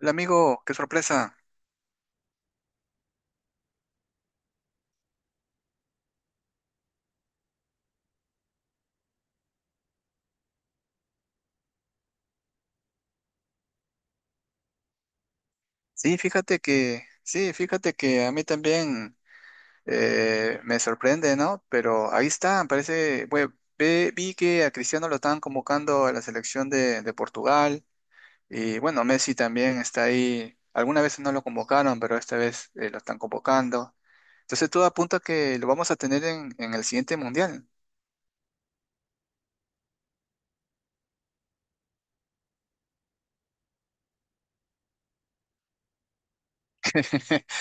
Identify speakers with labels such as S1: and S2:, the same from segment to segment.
S1: Hola amigo, qué sorpresa. Sí, fíjate que a mí también me sorprende, ¿no? Pero ahí está, parece, bueno, vi que a Cristiano lo estaban convocando a la selección de Portugal y bueno, Messi también está ahí. Algunas veces no lo convocaron, pero esta vez lo están convocando. Entonces todo apunta a que lo vamos a tener en el siguiente mundial.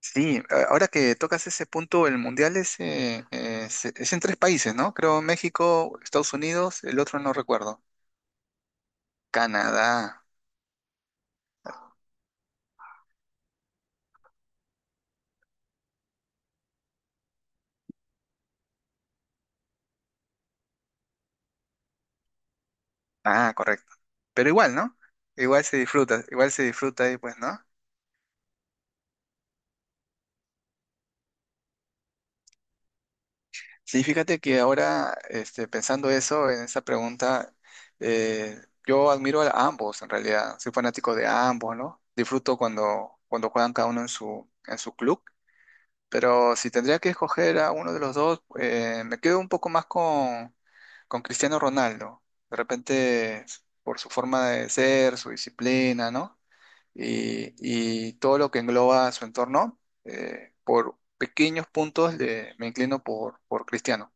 S1: Sí, ahora que tocas ese punto, el mundial es en tres países, ¿no? Creo México, Estados Unidos, el otro no recuerdo. Canadá. Ah, correcto. Pero igual, ¿no? Igual se disfruta ahí, pues, ¿no? Sí, fíjate que ahora, este, pensando eso, en esa pregunta, eh, yo admiro a ambos, en realidad. Soy fanático de ambos, ¿no? Disfruto cuando juegan cada uno en su club. Pero si tendría que escoger a uno de los dos, me quedo un poco más con Cristiano Ronaldo. De repente, por su forma de ser, su disciplina, ¿no? Y, y todo lo que engloba su entorno, por pequeños puntos me inclino por Cristiano.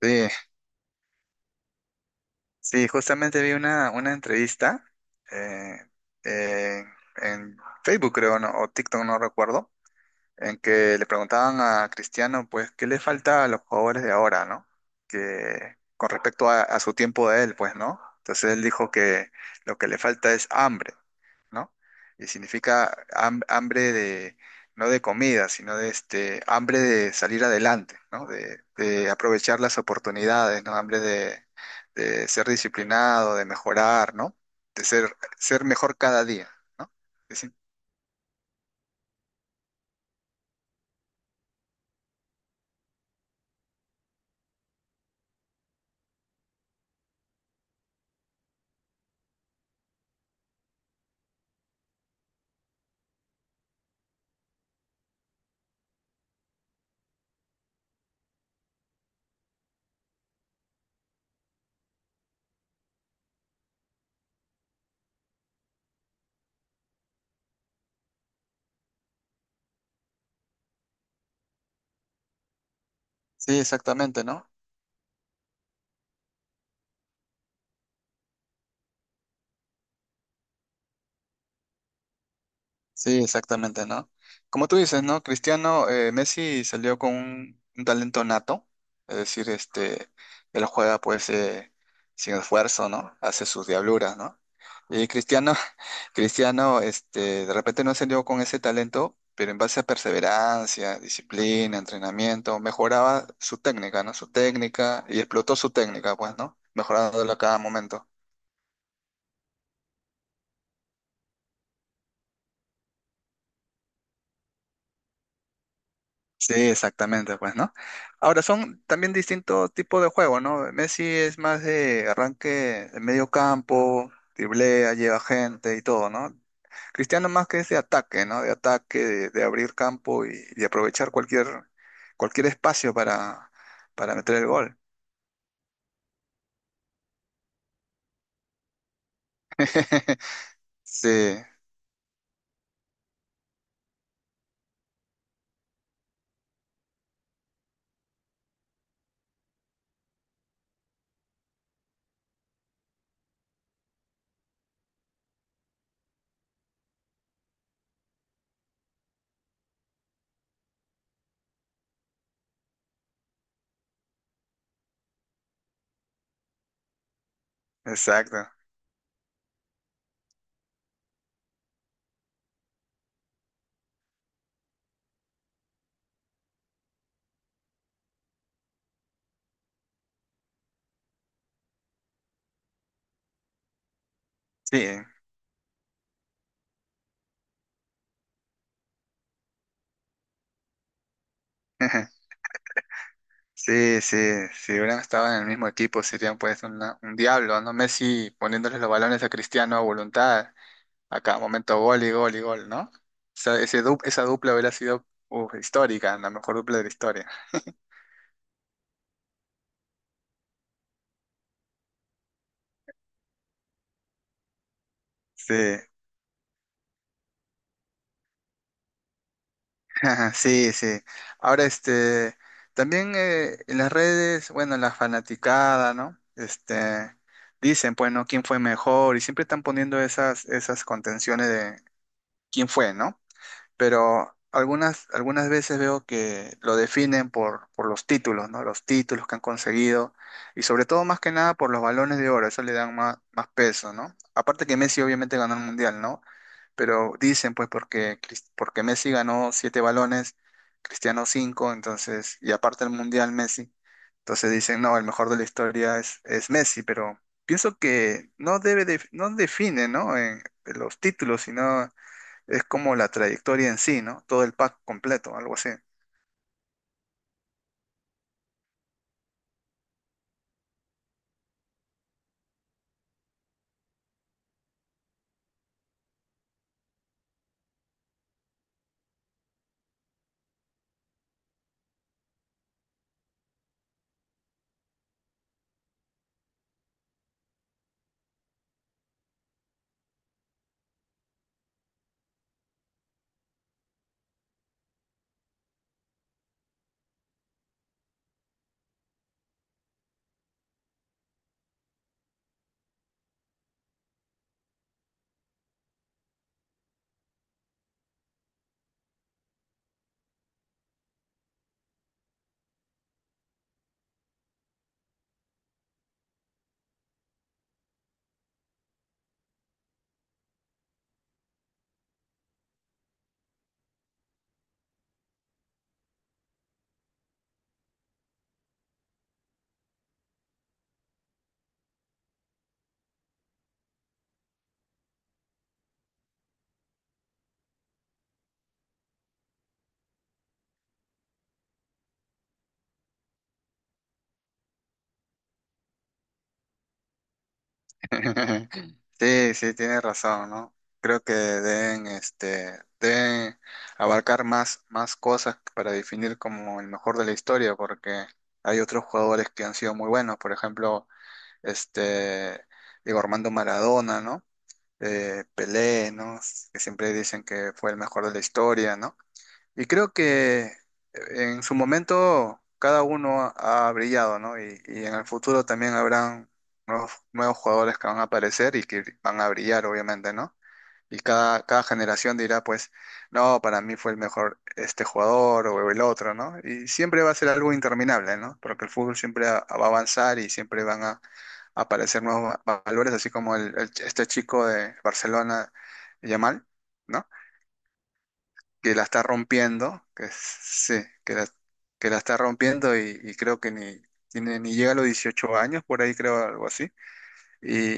S1: Sí, sí, justamente vi una entrevista eh, eh, en Facebook, creo, ¿no? O TikTok, no recuerdo, en que le preguntaban a Cristiano, pues, ¿qué le falta a los jugadores de ahora, ¿no? Que con respecto a su tiempo de él, pues, ¿no? Entonces él dijo que lo que le falta es hambre, ¿no? Y significa hambre de, no de comida, sino de este, hambre de salir adelante, ¿no? De aprovechar las oportunidades, ¿no? Hambre de ser disciplinado, de mejorar, ¿no? De ser, ser mejor cada día, ¿no? Sí, sí, exactamente, ¿no? Sí, exactamente, ¿no? Como tú dices, ¿no? Cristiano, Messi salió con un talento nato, es decir, este, él juega pues sin esfuerzo, ¿no? Hace sus diabluras, ¿no? Y Cristiano, Cristiano, este, de repente no salió con ese talento, pero en base a perseverancia, disciplina, entrenamiento, mejoraba su técnica, ¿no? Su técnica y explotó su técnica, pues, ¿no? Mejorándola a cada momento. Sí, exactamente, pues, ¿no? Ahora, son también distintos tipos de juego, ¿no? Messi es más de arranque de medio campo, driblea, lleva gente y todo, ¿no? Cristiano más que es de ataque, ¿no? De ataque, de abrir campo y de aprovechar cualquier, cualquier espacio para meter el gol. Sí, exacto. Sí, sí, sí. Si hubieran estado en el mismo equipo, serían pues un diablo, ¿no? Messi poniéndole los balones a Cristiano a voluntad. A cada momento gol y gol y gol, ¿no? Esa, esa dupla hubiera sido uf, histórica, la mejor dupla de la historia. Sí, sí, sí. Ahora, este, también en las redes, bueno, la fanaticada, ¿no? Este, dicen, pues, ¿no? ¿Quién fue mejor? Y siempre están poniendo esas, esas contenciones de quién fue, ¿no? Pero algunas, algunas veces veo que lo definen por los títulos, ¿no? Los títulos que han conseguido y sobre todo más que nada por los balones de oro, eso le dan más, más peso, ¿no? Aparte que Messi obviamente ganó el mundial, ¿no? Pero dicen pues porque, porque Messi ganó siete balones, Cristiano cinco, entonces, y aparte el mundial Messi, entonces dicen, no, el mejor de la historia es Messi, pero pienso que no debe, no define, ¿no? En los títulos, sino es como la trayectoria en sí, ¿no? Todo el pack completo, algo así. Sí, sí, tienes razón, ¿no? Creo que deben, este, deben abarcar más, más cosas para definir como el mejor de la historia, porque hay otros jugadores que han sido muy buenos, por ejemplo, este, Diego Armando Maradona, ¿no? Pelé, ¿no? Que siempre dicen que fue el mejor de la historia, ¿no? Y creo que en su momento cada uno ha brillado, ¿no? Y en el futuro también habrán nuevos, nuevos jugadores que van a aparecer y que van a brillar, obviamente, ¿no? Y cada, cada generación dirá, pues, no, para mí fue el mejor este jugador o el otro, ¿no? Y siempre va a ser algo interminable, ¿no? Porque el fútbol siempre va a avanzar y siempre van a aparecer nuevos valores, así como el, este chico de Barcelona, Yamal, ¿no? Que la está rompiendo, sí, que la está rompiendo y creo que ni, tiene, ni llega a los 18 años, por ahí creo algo así, y,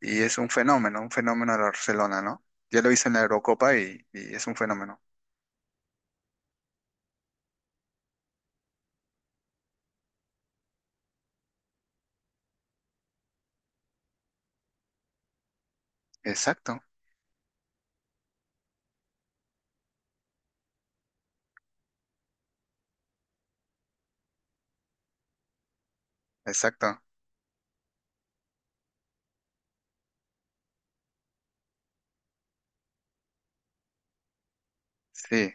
S1: y es un fenómeno de Barcelona, ¿no? Ya lo hizo en la Eurocopa y es un fenómeno. Exacto, exacto, sí.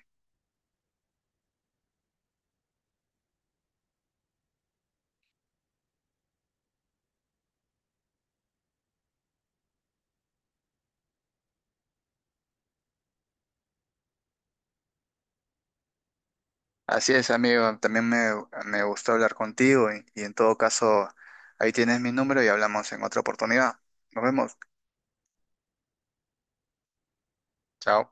S1: Así es, amigo, también me gustó hablar contigo y en todo caso, ahí tienes mi número y hablamos en otra oportunidad. Nos vemos, chao.